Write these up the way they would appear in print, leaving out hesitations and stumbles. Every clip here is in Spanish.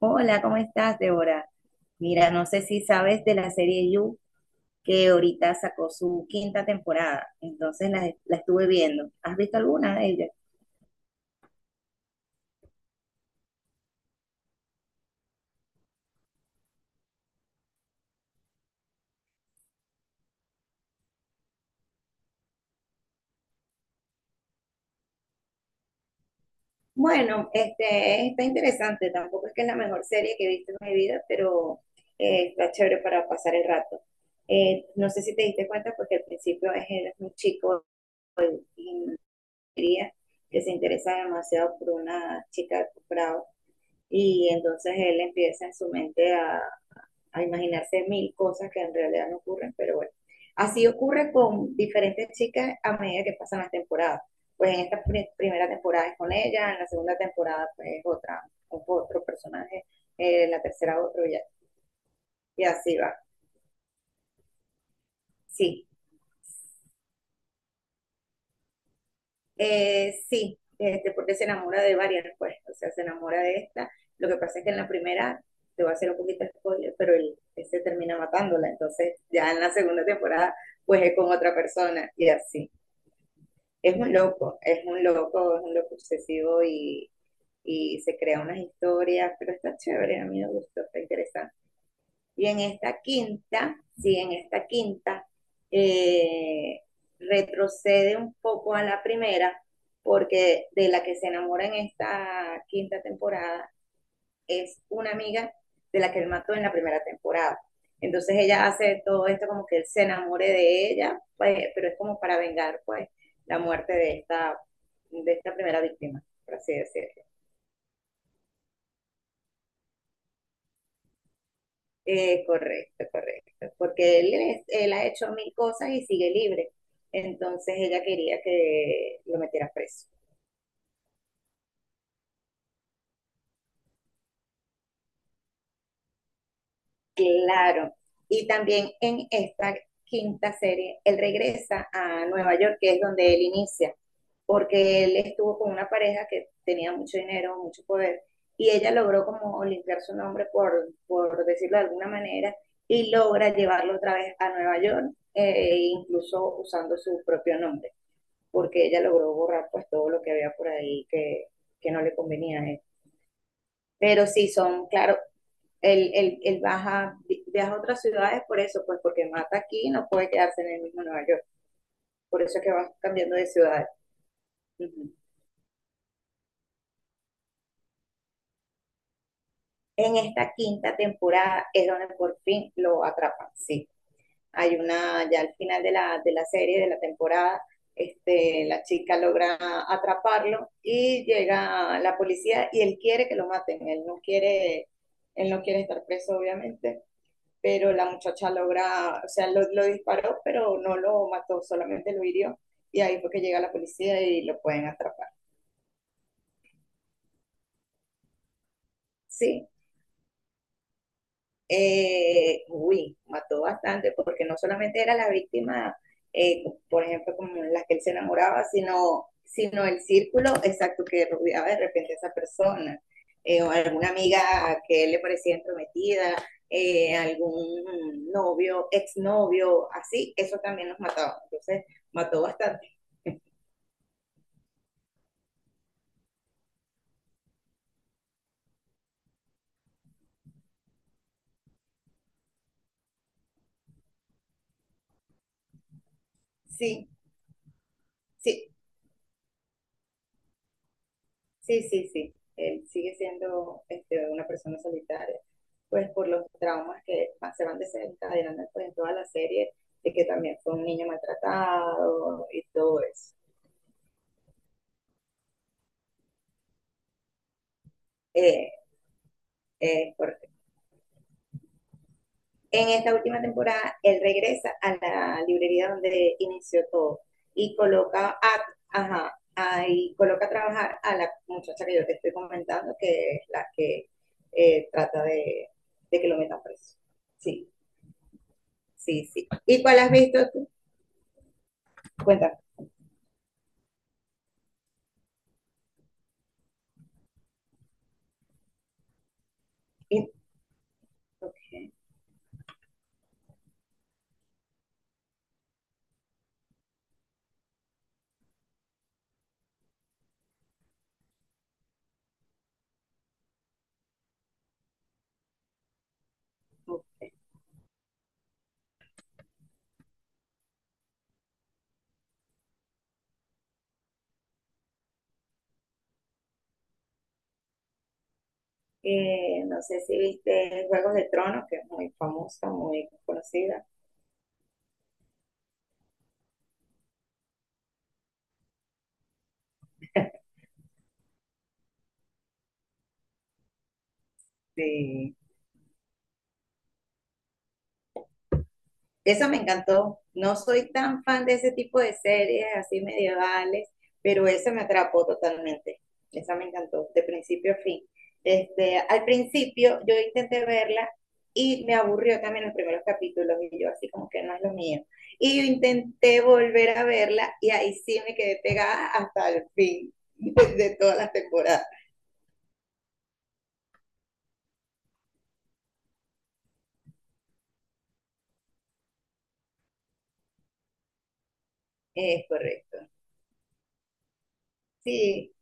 Hola, ¿cómo estás, Débora? Mira, no sé si sabes de la serie You, que ahorita sacó su quinta temporada, entonces la estuve viendo. ¿Has visto alguna de ellas? Bueno, este está interesante, tampoco es que es la mejor serie que he visto en mi vida, pero está chévere para pasar el rato. No sé si te diste cuenta porque al principio es, él es un chico en Hungría que se interesa demasiado por una chica de posgrado y entonces él empieza en su mente a imaginarse mil cosas que en realidad no ocurren, pero bueno. Así ocurre con diferentes chicas a medida que pasan las temporadas. Pues en esta pr primera temporada es con ella, en la segunda temporada pues es otra, otro personaje, en la tercera otro y así va. Sí, sí, este, porque se enamora de varias, pues, o sea, se enamora de esta. Lo que pasa es que en la primera, te voy a hacer un poquito de spoiler, pero él se termina matándola, entonces ya en la segunda temporada pues es con otra persona y así. Es un loco, es un loco, es un loco obsesivo y se crea unas historias, pero está chévere, a mí me gustó, está interesante. Y en esta quinta, sí, en esta quinta, eh, retrocede un poco a la primera, porque de la que se enamora en esta quinta temporada es una amiga de la que él mató en la primera temporada. Entonces ella hace todo esto como que él se enamore de ella, pues, pero es como para vengar pues la muerte de esta primera víctima, por así decirlo. Correcto, correcto. Porque él ha hecho mil cosas y sigue libre. Entonces ella quería que lo metiera preso. Claro. Y también en esta quinta serie, él regresa a Nueva York, que es donde él inicia. Porque él estuvo con una pareja que tenía mucho dinero, mucho poder, y ella logró como limpiar su nombre, por decirlo de alguna manera, y logra llevarlo otra vez a Nueva York, incluso usando su propio nombre, porque ella logró borrar pues todo lo que había por ahí que no le convenía a él. Pero sí, son, claro, baja, viaja a otras ciudades por eso, pues porque mata aquí y no puede quedarse en el mismo Nueva York. Por eso es que va cambiando de ciudades. Uh -huh. En esta quinta temporada es donde por fin lo atrapan, sí. Hay una, ya al final de de la serie, de la temporada, este, la chica logra atraparlo y llega la policía y él quiere que lo maten, él no quiere estar preso obviamente, pero la muchacha logra, o sea, lo disparó, pero no lo mató, solamente lo hirió y ahí fue que llega la policía y lo pueden atrapar. Sí. Uy, mató bastante, porque no solamente era la víctima, eh, por ejemplo, como las que él se enamoraba, sino el círculo exacto que rodeaba de repente a esa persona, o alguna amiga que él le parecía entrometida, algún novio, exnovio, así, eso también nos mataba. Entonces, mató bastante. Sí, sí. Sí, sí, sí. Él sigue siendo este, una persona solitaria, pues por los traumas que se van desencadenando pues, en toda la serie, de que también fue un niño maltratado y todo eso. Eh, eh, por- en esta última temporada, él regresa a la librería donde inició todo y coloca a, ajá, ahí coloca a trabajar a la muchacha que yo te estoy comentando, que es la que trata de, que lo metan preso. Sí. Sí, sí. ¿Y cuál has visto tú? Cuéntame. Y- ok, ok. No sé si viste Juegos de Tronos, que es muy famosa, muy conocida. Eso me encantó. No soy tan fan de ese tipo de series así medievales, pero eso me atrapó totalmente. Esa me encantó, de principio a fin. Este, al principio yo intenté verla y me aburrió también los primeros capítulos y yo así como que no es lo mío. Y yo intenté volver a verla y ahí sí me quedé pegada hasta el fin de todas las temporadas. Es correcto. Sí.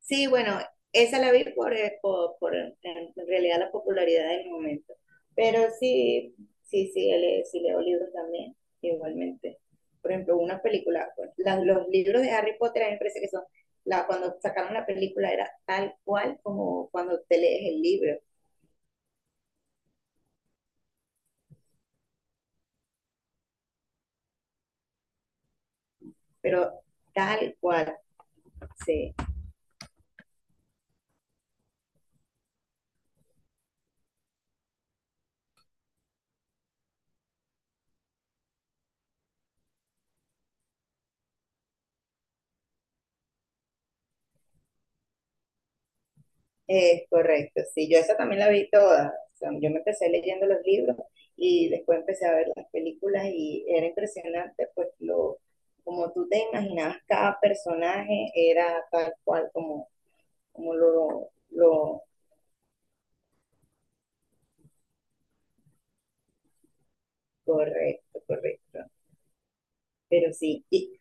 Sí, bueno, esa la vi en realidad la popularidad del momento. Pero sí, sí, sí, sí leo libros también, igualmente. Por ejemplo, una película, pues, los libros de Harry Potter a mí me parece que son, cuando sacaron la película era tal cual como cuando te lees el libro, pero tal cual, sí. Es correcto, sí, yo esa también la vi toda. O sea, yo me empecé leyendo los libros y después empecé a ver las películas y era impresionante, pues lo, como tú te imaginabas, cada personaje era tal cual como, como lo correcto, correcto. Pero sí,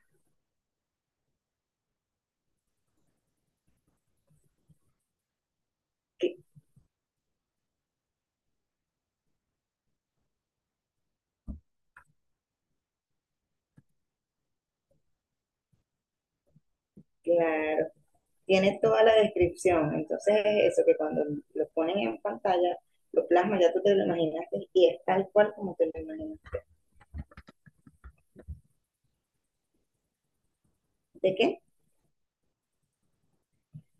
que- claro, tiene toda la descripción. Entonces es eso, que cuando lo ponen en pantalla, lo plasma, ya tú te lo imaginaste y es tal cual como te lo imaginas. ¿De qué?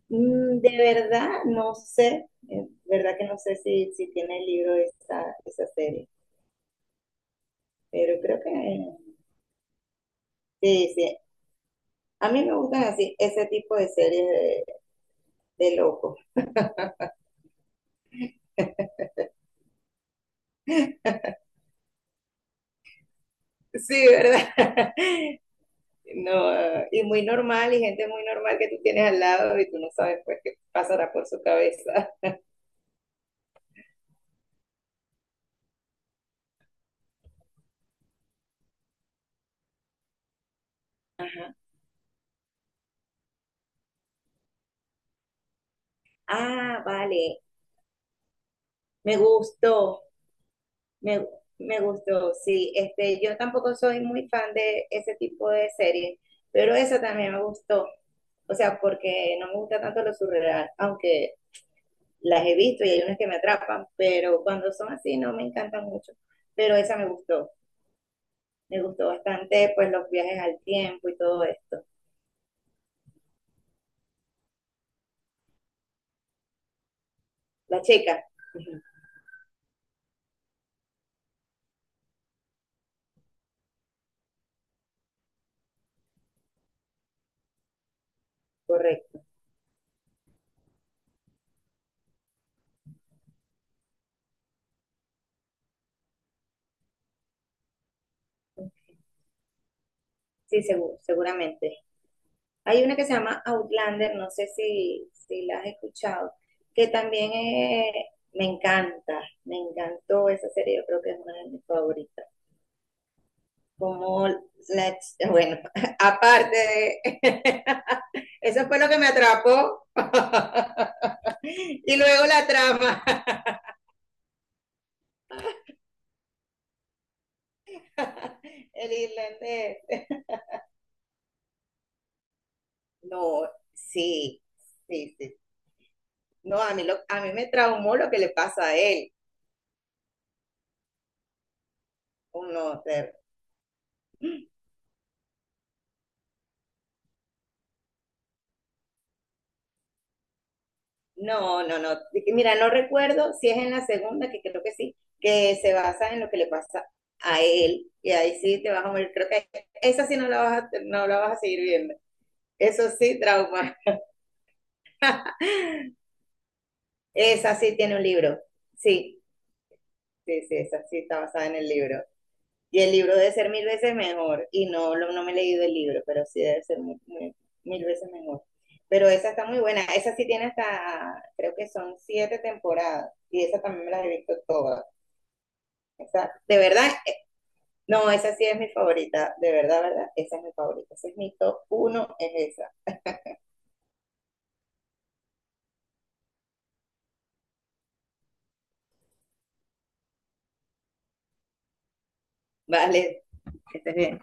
De verdad, no sé, de verdad que no sé si tiene el libro esa, esa serie, pero creo que sí, sí. A mí me gustan así ese tipo de series de locos. Sí, ¿verdad? No, y muy normal, y gente muy normal que tú tienes al lado y tú no sabes pues qué pasará por su cabeza. Ah, vale, me gustó. Me, me gustó, sí. Este, yo tampoco soy muy fan de ese tipo de series, pero esa también me gustó. O sea, porque no me gusta tanto lo surreal, aunque las he visto y hay unas que me atrapan, pero cuando son así no me encantan mucho. Pero esa me gustó. Me gustó bastante, pues, los viajes al tiempo y todo esto. La chica. Ujú. Correcto. Sí, seguramente. Hay una que se llama Outlander, no sé si la has escuchado, que también me encanta, me encantó esa serie, yo creo que es una de mis favoritas. Como bueno, aparte de, eso fue lo que me atrapó. Y luego la trama, el irlandés. No, sí, sí, sí. No, a mí me traumó lo que le pasa a él. Uno, o sea, no, no, no. Mira, no recuerdo si es en la segunda, que creo que sí, que se basa en lo que le pasa a él. Y ahí sí te vas a morir. Creo que esa sí no la vas a seguir viendo. Eso sí, trauma. Esa sí tiene un libro. Sí, sí, sí, esa sí está basada en el libro. Y el libro debe ser mil veces mejor. Y no, no me he leído el libro, pero sí debe ser mil veces mejor. Pero esa está muy buena. Esa sí tiene hasta, creo que son siete temporadas. Y esa también me la he visto toda. Esa, de verdad, no, esa sí es mi favorita, de verdad, ¿verdad? Esa es mi favorita, ese es mi top uno, es esa. Vale, que estés bien.